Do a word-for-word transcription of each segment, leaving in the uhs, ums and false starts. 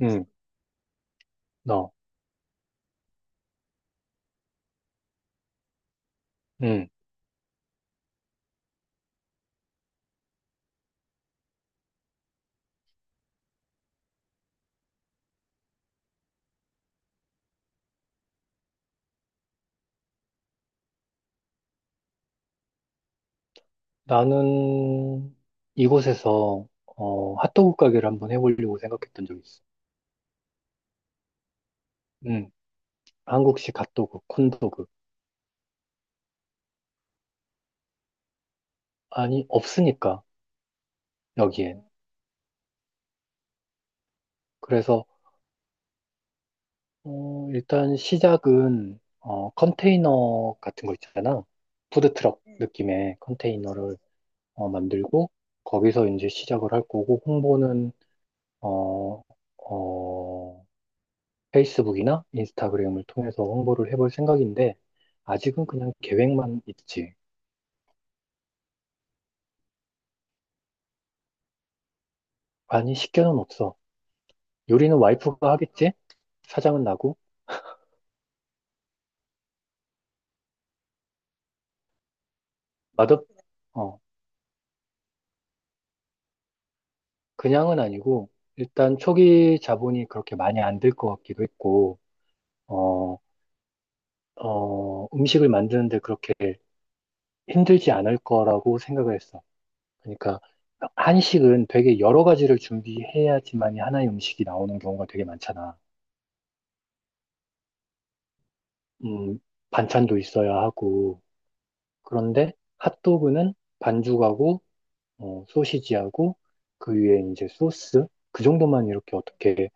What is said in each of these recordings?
응. 너. 응, 나는 이곳에서 어, 핫도그 가게를 한번 해보려고 생각했던 적이 있어. 응, 한국식 핫도그, 콘도그. 아니, 없으니까, 여기엔. 그래서, 어, 일단 시작은, 어, 컨테이너 같은 거 있잖아. 푸드트럭 음, 느낌의 컨테이너를 어, 만들고, 거기서 이제 시작을 할 거고, 홍보는, 어, 어, 페이스북이나 인스타그램을 통해서 홍보를 해볼 생각인데, 아직은 그냥 계획만 있지. 아니, 식견은 없어. 요리는 와이프가 하겠지? 사장은 나고. 맛없, 어, 그냥은 아니고, 일단 초기 자본이 그렇게 많이 안 들 것 같기도 했고, 어, 어, 음식을 만드는데 그렇게 힘들지 않을 거라고 생각을 했어. 그러니까, 한식은 되게 여러 가지를 준비해야지만이 하나의 음식이 나오는 경우가 되게 많잖아. 음, 반찬도 있어야 하고, 그런데 핫도그는 반죽하고 어, 소시지하고 그 위에 이제 소스 그 정도만 이렇게 어떻게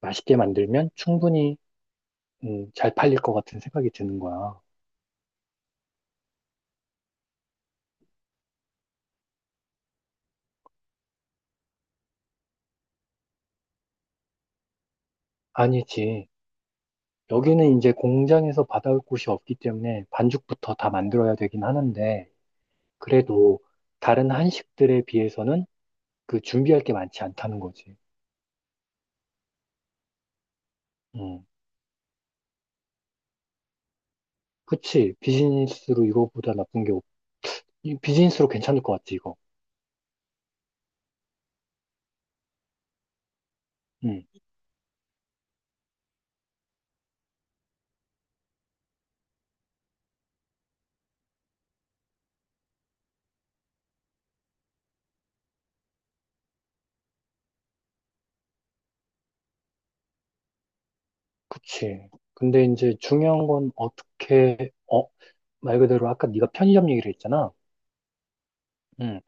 맛있게 만들면 충분히 음, 잘 팔릴 것 같은 생각이 드는 거야. 아니지. 여기는 이제 공장에서 받아올 곳이 없기 때문에 반죽부터 다 만들어야 되긴 하는데 그래도 다른 한식들에 비해서는 그 준비할 게 많지 않다는 거지. 음. 그치. 비즈니스로 이거보다 나쁜 게 없, 이 비즈니스로 괜찮을 것 같지, 이거. 음. 그치. 근데 이제 중요한 건 어떻게, 어, 말 그대로 아까 네가 편의점 얘기를 했잖아. 음.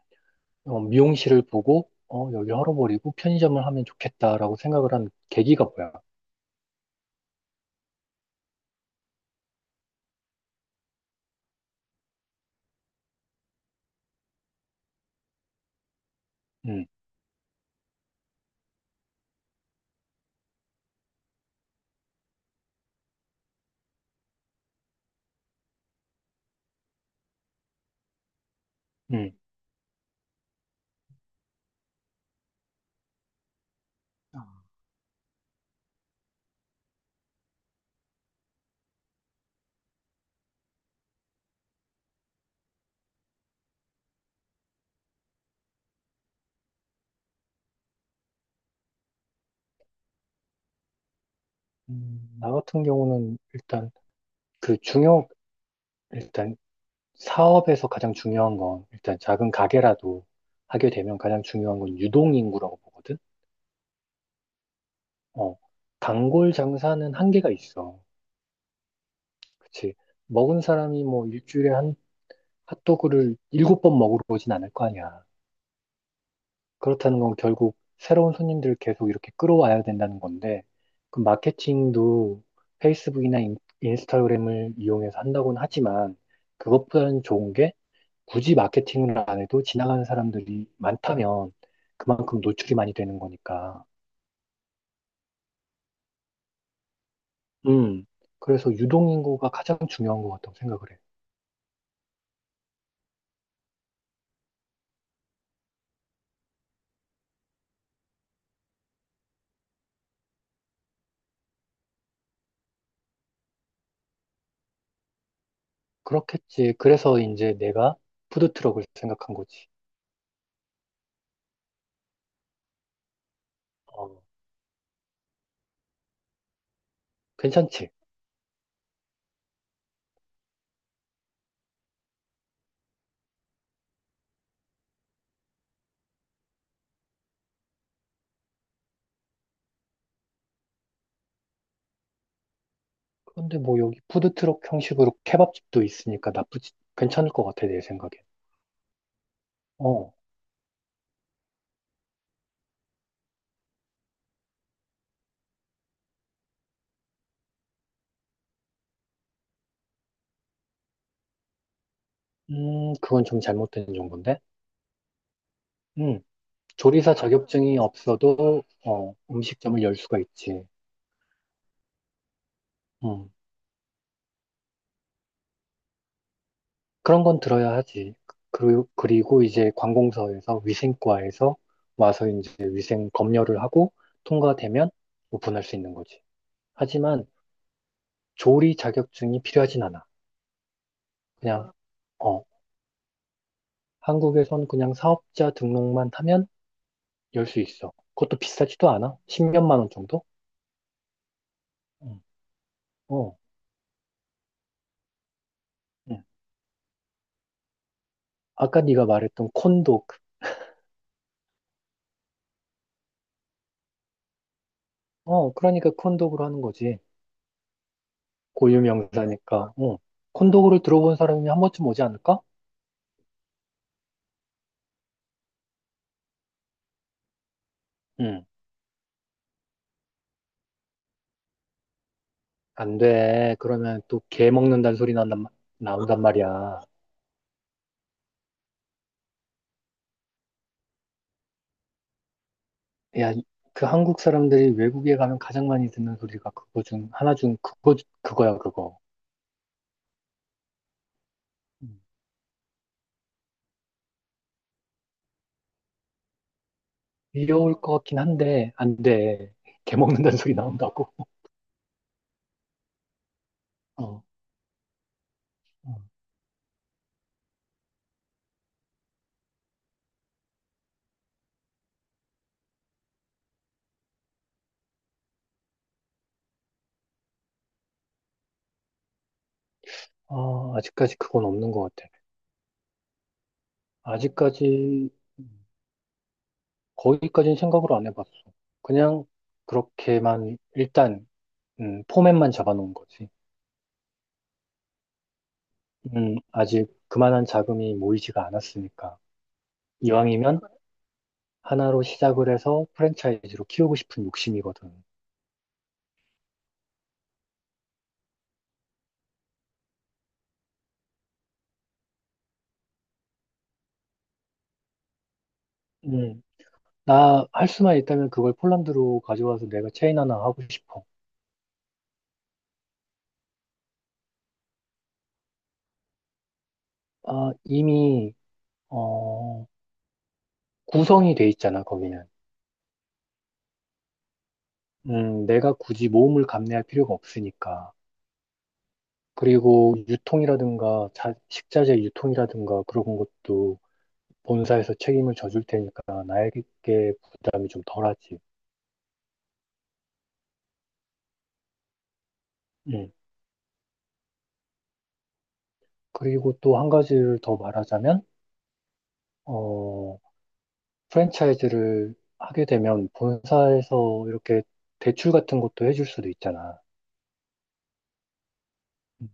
어, 미용실을 보고, 어, 여기 헐어버리고 편의점을 하면 좋겠다라고 생각을 한 계기가 뭐야? 음, 음. 아, 음, 나 같은 경우는 일단 그 중요, 일단 사업에서 가장 중요한 건 일단 작은 가게라도 하게 되면 가장 중요한 건 유동인구라고 보거든. 어, 단골 장사는 한계가 있어. 그치. 먹은 사람이 뭐 일주일에 한 핫도그를 일곱 번 먹으러 오진 않을 거 아니야. 그렇다는 건 결국 새로운 손님들을 계속 이렇게 끌어와야 된다는 건데, 그 마케팅도 페이스북이나 인, 스타그램을 이용해서 한다고는 하지만, 그것보다는 좋은 게 굳이 마케팅을 안 해도 지나가는 사람들이 많다면 그만큼 노출이 많이 되는 거니까. 음, 그래서 유동인구가 가장 중요한 것 같다고 생각을 해. 그렇겠지. 그래서 이제 내가 푸드트럭을 생각한 거지. 어, 괜찮지? 근데 뭐 여기 푸드트럭 형식으로 케밥집도 있으니까 나쁘지, 괜찮을 것 같아, 내 생각엔. 어, 음, 그건 좀 잘못된 정보인데? 음, 조리사 자격증이 없어도, 어, 음식점을 열 수가 있지. 음, 그런 건 들어야 하지. 그리고, 그리고 이제 관공서에서 위생과에서 와서 이제 위생 검열을 하고 통과되면 오픈할 수 있는 거지. 하지만 조리 자격증이 필요하진 않아. 그냥, 어, 한국에선 그냥 사업자 등록만 하면 열 수 있어. 그것도 비싸지도 않아. 십몇만 원 정도? 응. 어. 응. 아까 네가 말했던 콘도그. 어, 그러니까 콘도그로 하는 거지. 고유 명사니까. 어. 콘도그를 들어본 사람이 한 번쯤 오지 않을까? 응. 안 돼. 그러면 또 개 먹는다는 소리 나온단, 마- 나온단 말이야. 야, 이- 그 한국 사람들이 외국에 가면 가장 많이 듣는 소리가 그거 중, 하나 중 그거, 그거야, 그거. 음. 귀여울 것 같긴 한데, 안 돼. 개 먹는다는 소리 나온다고. 어, 어. 아, 아직까지 그건 없는 것 같아. 아직까지 거기까지는 생각을 안 해봤어. 그냥 그렇게만 일단 음, 포맷만 잡아놓은 거지. 음, 아직 그만한 자금이 모이지가 않았으니까. 이왕이면 하나로 시작을 해서 프랜차이즈로 키우고 싶은 욕심이거든. 음, 나 할 수만 있다면 그걸 폴란드로 가져와서 내가 체인 하나 하고 싶어. 아, 이미 어, 구성이 돼 있잖아, 거기는. 음, 내가 굳이 모험을 감내할 필요가 없으니까. 그리고 유통이라든가 자- 식자재 유통이라든가 그런 것도 본사에서 책임을 져줄 테니까 나에게 부담이 좀 덜하지. 음. 그리고 또 한 가지를 더 말하자면, 어, 프랜차이즈를 하게 되면 본사에서 이렇게 대출 같은 것도 해줄 수도 있잖아. 음.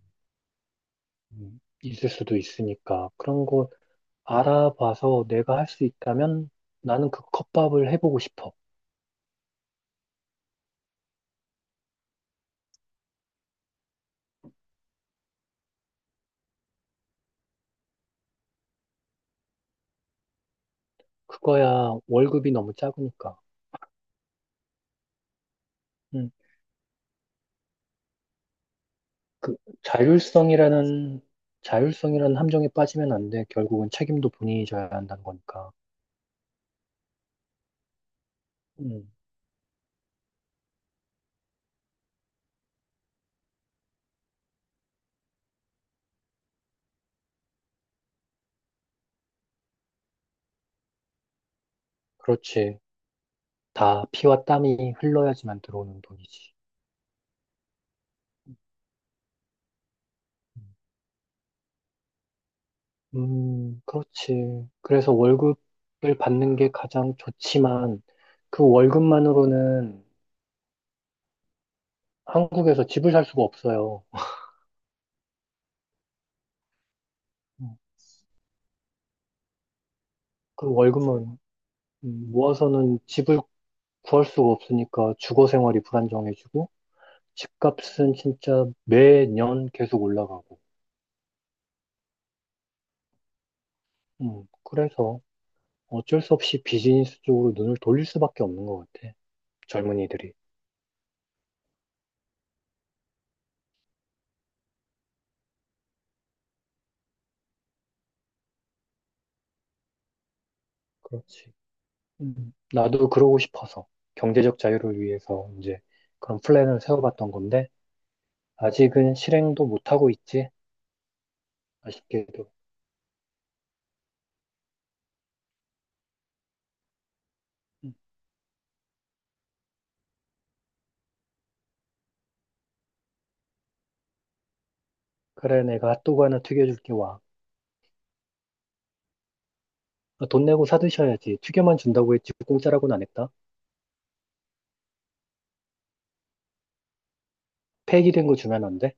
음, 있을 수도 있으니까 그런 거 알아봐서 내가 할 수 있다면 나는 그 컵밥을 해보고 싶어. 그거야 월급이 너무 작으니까. 그 자율성이라는 자율성이라는 함정에 빠지면 안 돼. 결국은 책임도 본인이 져야 한다는 거니까. 음, 그렇지. 다 피와 땀이 흘러야지만 들어오는 돈이지. 음, 그렇지. 그래서 월급을 받는 게 가장 좋지만 그 월급만으로는 한국에서 집을 살 수가 없어요. 음, 그 월급만 음, 모아서는 집을 구할 수가 없으니까 주거 생활이 불안정해지고 집값은 진짜 매년 계속 올라가고. 음, 그래서 어쩔 수 없이 비즈니스 쪽으로 눈을 돌릴 수밖에 없는 것 같아. 젊은이들이. 그렇지. 음, 나도 그러고 싶어서 경제적 자유를 위해서 이제 그런 플랜을 세워봤던 건데 아직은 실행도 못하고 있지. 아쉽게도. 음, 그래, 내가 핫도그 하나 튀겨줄게 와. 아, 돈 내고 사드셔야지. 튀겨만 준다고 했지 공짜라고는 안 했다. 폐기된 거 주면 안 돼?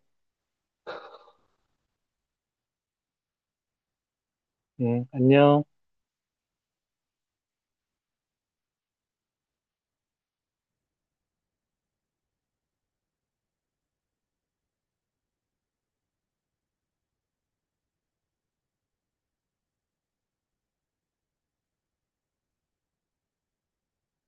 응, 안녕.